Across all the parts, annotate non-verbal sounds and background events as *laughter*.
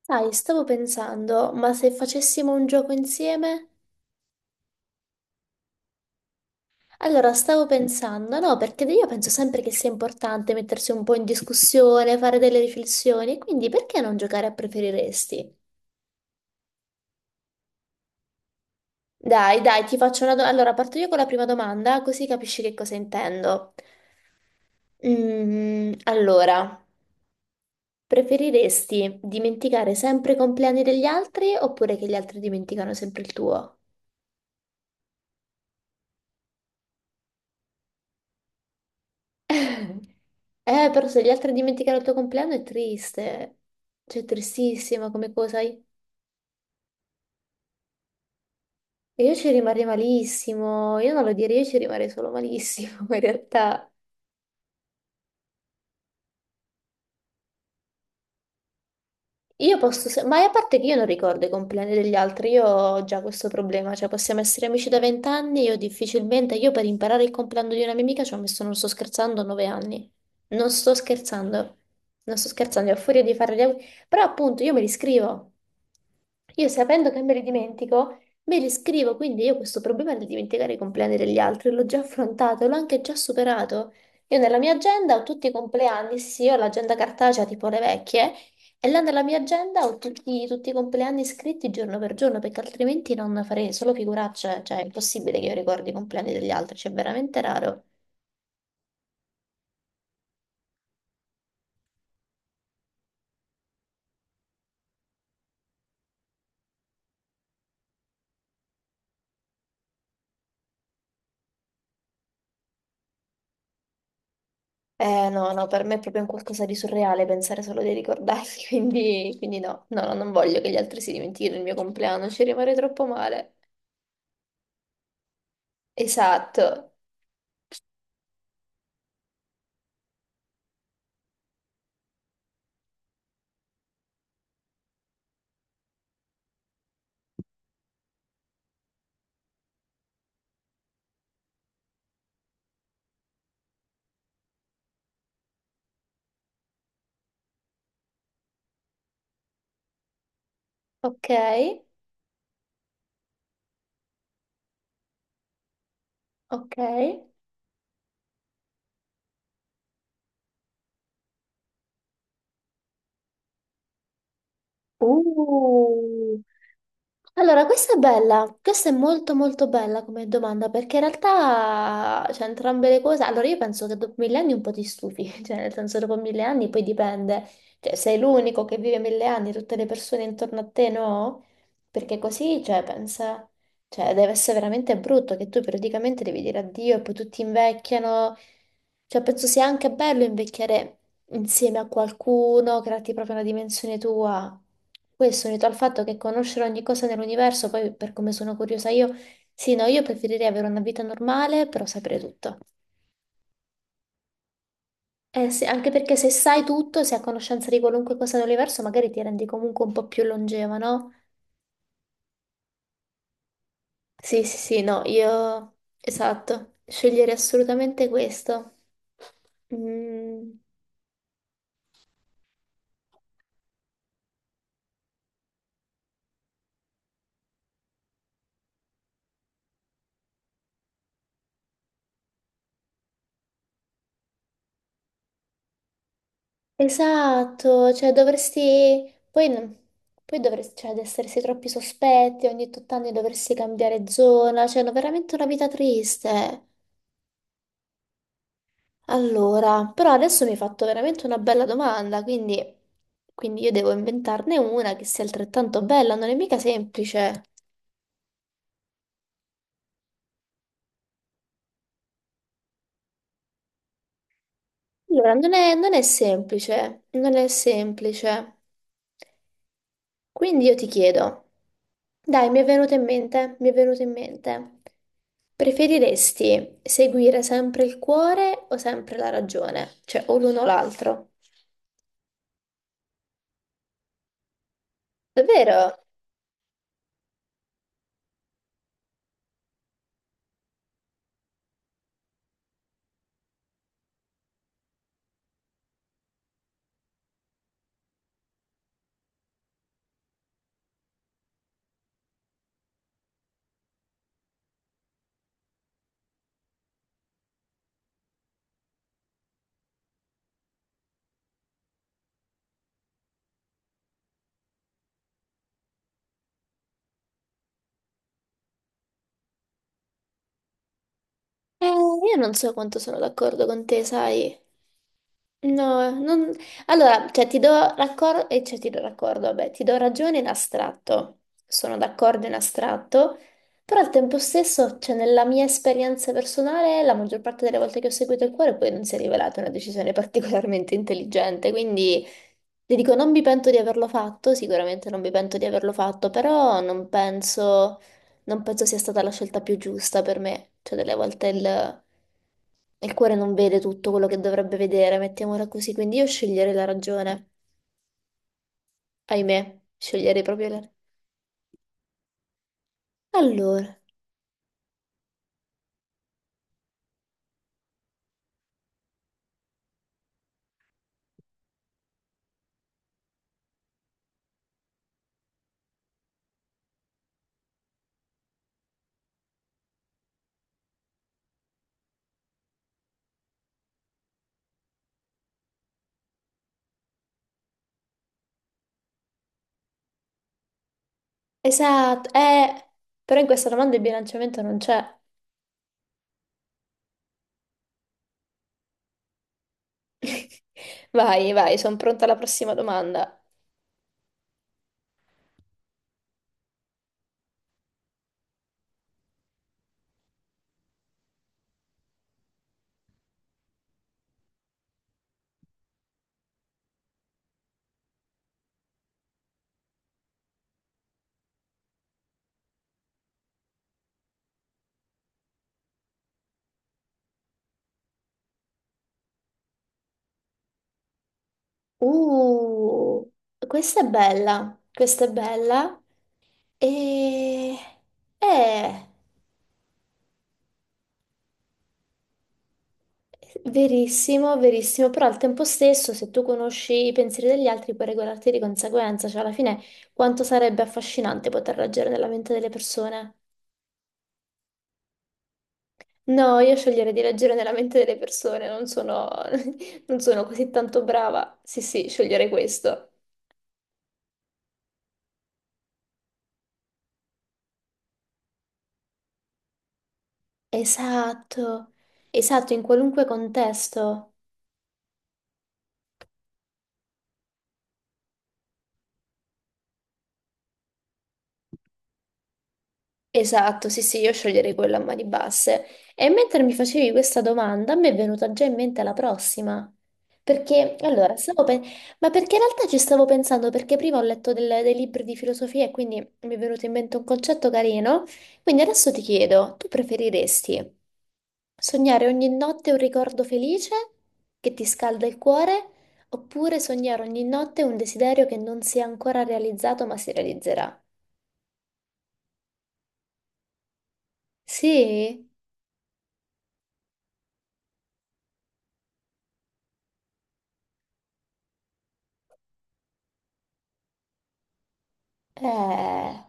Sai, stavo pensando, ma se facessimo un gioco insieme? Allora, stavo pensando, no, perché io penso sempre che sia importante mettersi un po' in discussione, fare delle riflessioni, quindi perché non giocare a preferiresti? Dai, dai, ti faccio una domanda. Allora, parto io con la prima domanda, così capisci che cosa intendo. Allora, preferiresti dimenticare sempre i compleanni degli altri oppure che gli altri dimenticano sempre il tuo? Però se gli altri dimenticano il tuo compleanno è triste. Cioè, è tristissima come cosa. E io ci rimarrei malissimo. Io non lo direi, io ci rimarrei solo malissimo, *laughs* in realtà. Io posso, ma a parte che io non ricordo i compleanni degli altri, io ho già questo problema, cioè possiamo essere amici da 20 anni, io difficilmente, io per imparare il compleanno di una mia amica ci ho messo, non sto scherzando, 9 anni. Non sto scherzando, non sto scherzando, io ho furia di fare gli auguri, però appunto io me li scrivo, io sapendo che me li dimentico, me li scrivo, quindi io questo problema di dimenticare i compleanni degli altri l'ho già affrontato, l'ho anche già superato. Io nella mia agenda ho tutti i compleanni, sì, sì, ho l'agenda cartacea tipo le vecchie, e là nella mia agenda ho tutti, tutti i compleanni scritti giorno per giorno, perché altrimenti non farei solo figuracce, cioè è impossibile che io ricordi i compleanni degli altri, cioè è veramente raro. Eh no, no, per me è proprio un qualcosa di surreale pensare solo di ricordarli, *laughs* quindi, quindi no, no, no, non voglio che gli altri si dimentichino il mio compleanno, ci rimarrei troppo male. Esatto. Ok, ok. Uh. Allora, questa è bella, questa è molto molto bella come domanda perché in realtà c'è entrambe le cose. Allora, io penso che dopo 1000 anni un po' ti stufi, *laughs* cioè nel senso dopo 1000 anni poi dipende, cioè sei l'unico che vive 1000 anni, tutte le persone intorno a te no? Perché così, cioè, pensa. Cioè, deve essere veramente brutto che tu periodicamente devi dire addio e poi tutti invecchiano. Cioè, penso sia anche bello invecchiare insieme a qualcuno, crearti proprio una dimensione tua. Questo unito al fatto che conoscere ogni cosa nell'universo, poi per come sono curiosa io, sì, no, io preferirei avere una vita normale, però sapere tutto. Eh sì, anche perché se sai tutto, se hai conoscenza di qualunque cosa dell'universo, magari ti rendi comunque un po' più longeva, no? Sì, sì, sì, no, io... Esatto, sceglierei assolutamente questo. Mm, esatto, cioè dovresti... Poi dovresti, cioè, ad essersi troppi sospetti, ogni 8 anni dovresti cambiare zona, cioè, no, veramente una vita triste. Allora, però adesso mi hai fatto veramente una bella domanda, quindi, quindi io devo inventarne una che sia altrettanto bella, non è mica semplice. Allora, non è, non è semplice, non è semplice. Quindi io ti chiedo, dai, mi è venuto in mente, mi è venuto in mente, preferiresti seguire sempre il cuore o sempre la ragione? Cioè, o l'uno o l'altro? Davvero? Io non so quanto sono d'accordo con te, sai. No, non... Allora, cioè, ti do raccordo, vabbè, ti do ragione in astratto, sono d'accordo in astratto, però al tempo stesso, cioè, nella mia esperienza personale, la maggior parte delle volte che ho seguito il cuore poi non si è rivelata una decisione *laughs* particolarmente intelligente, quindi ti dico, non mi pento di averlo fatto, sicuramente non mi pento di averlo fatto, però non penso sia stata la scelta più giusta per me. Cioè, delle volte il cuore non vede tutto quello che dovrebbe vedere, mettiamola così. Quindi io sceglierei la ragione. Ahimè, sceglierei proprio la... Allora, esatto, però in questa domanda il bilanciamento non c'è. *laughs* Vai, vai, sono pronta alla prossima domanda. Uh, questa è bella, questa è bella. E... Eh... Verissimo, verissimo, però al tempo stesso, se tu conosci i pensieri degli altri, puoi regolarti di conseguenza, cioè alla fine quanto sarebbe affascinante poter leggere nella mente delle persone. No, io sceglierei di leggere nella mente delle persone, non sono, *laughs* non sono così tanto brava. Sì, sì, sceglierei questo. Esatto, esatto, in qualunque contesto. Esatto, sì, sì, io sceglierei quella a mani basse. E mentre mi facevi questa domanda, a me è venuta già in mente la prossima. Perché, allora, ma perché in realtà ci stavo pensando, perché prima ho letto dei libri di filosofia e quindi mi è venuto in mente un concetto carino. Quindi adesso ti chiedo, tu preferiresti sognare ogni notte un ricordo felice che ti scalda il cuore, oppure sognare ogni notte un desiderio che non si è ancora realizzato ma si realizzerà? Sì? Eh,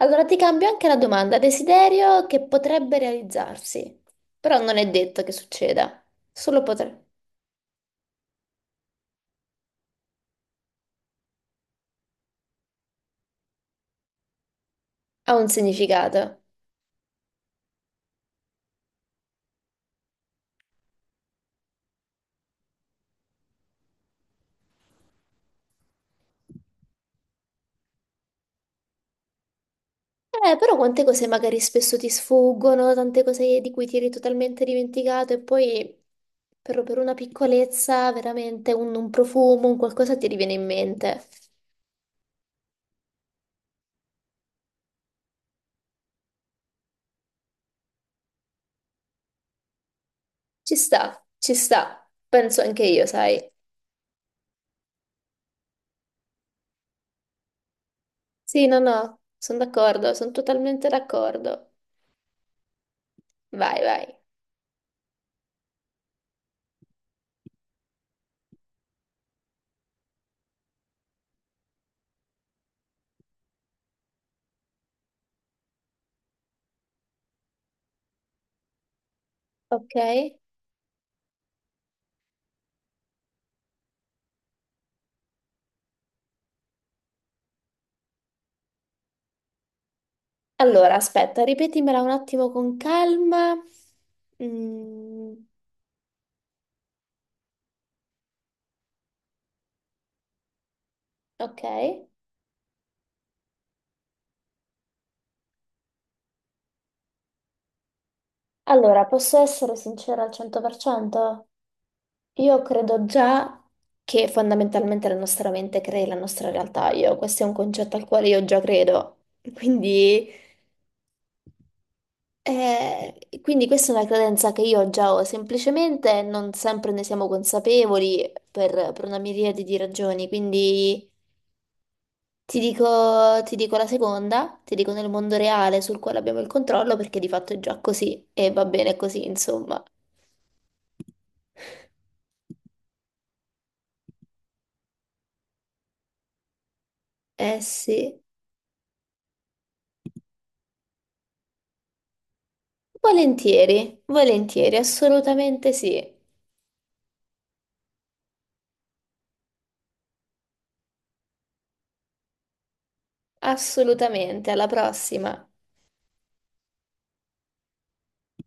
Allora ti cambio anche la domanda. Desiderio che potrebbe realizzarsi, però non è detto che succeda, solo potrebbe. Ha un significato. Però quante cose magari spesso ti sfuggono, tante cose di cui ti eri totalmente dimenticato e poi per una piccolezza, veramente un profumo, un qualcosa ti riviene in mente. Ci sta, penso anche io, sai. Sì, no, no, sono d'accordo, sono totalmente d'accordo. Vai, vai. Ok? Allora, aspetta, ripetimela un attimo con calma. Mm, ok. Allora, posso essere sincera al 100%? Io credo già che fondamentalmente la nostra mente crei la nostra realtà. Io, questo è un concetto al quale io già credo. Quindi, quindi questa è una credenza che io già ho, semplicemente non sempre ne siamo consapevoli per una miriade di ragioni. Quindi. Ti dico la seconda, ti dico nel mondo reale sul quale abbiamo il controllo perché di fatto è già così e va bene così, insomma. Eh sì, volentieri, volentieri, assolutamente sì, assolutamente, alla prossima.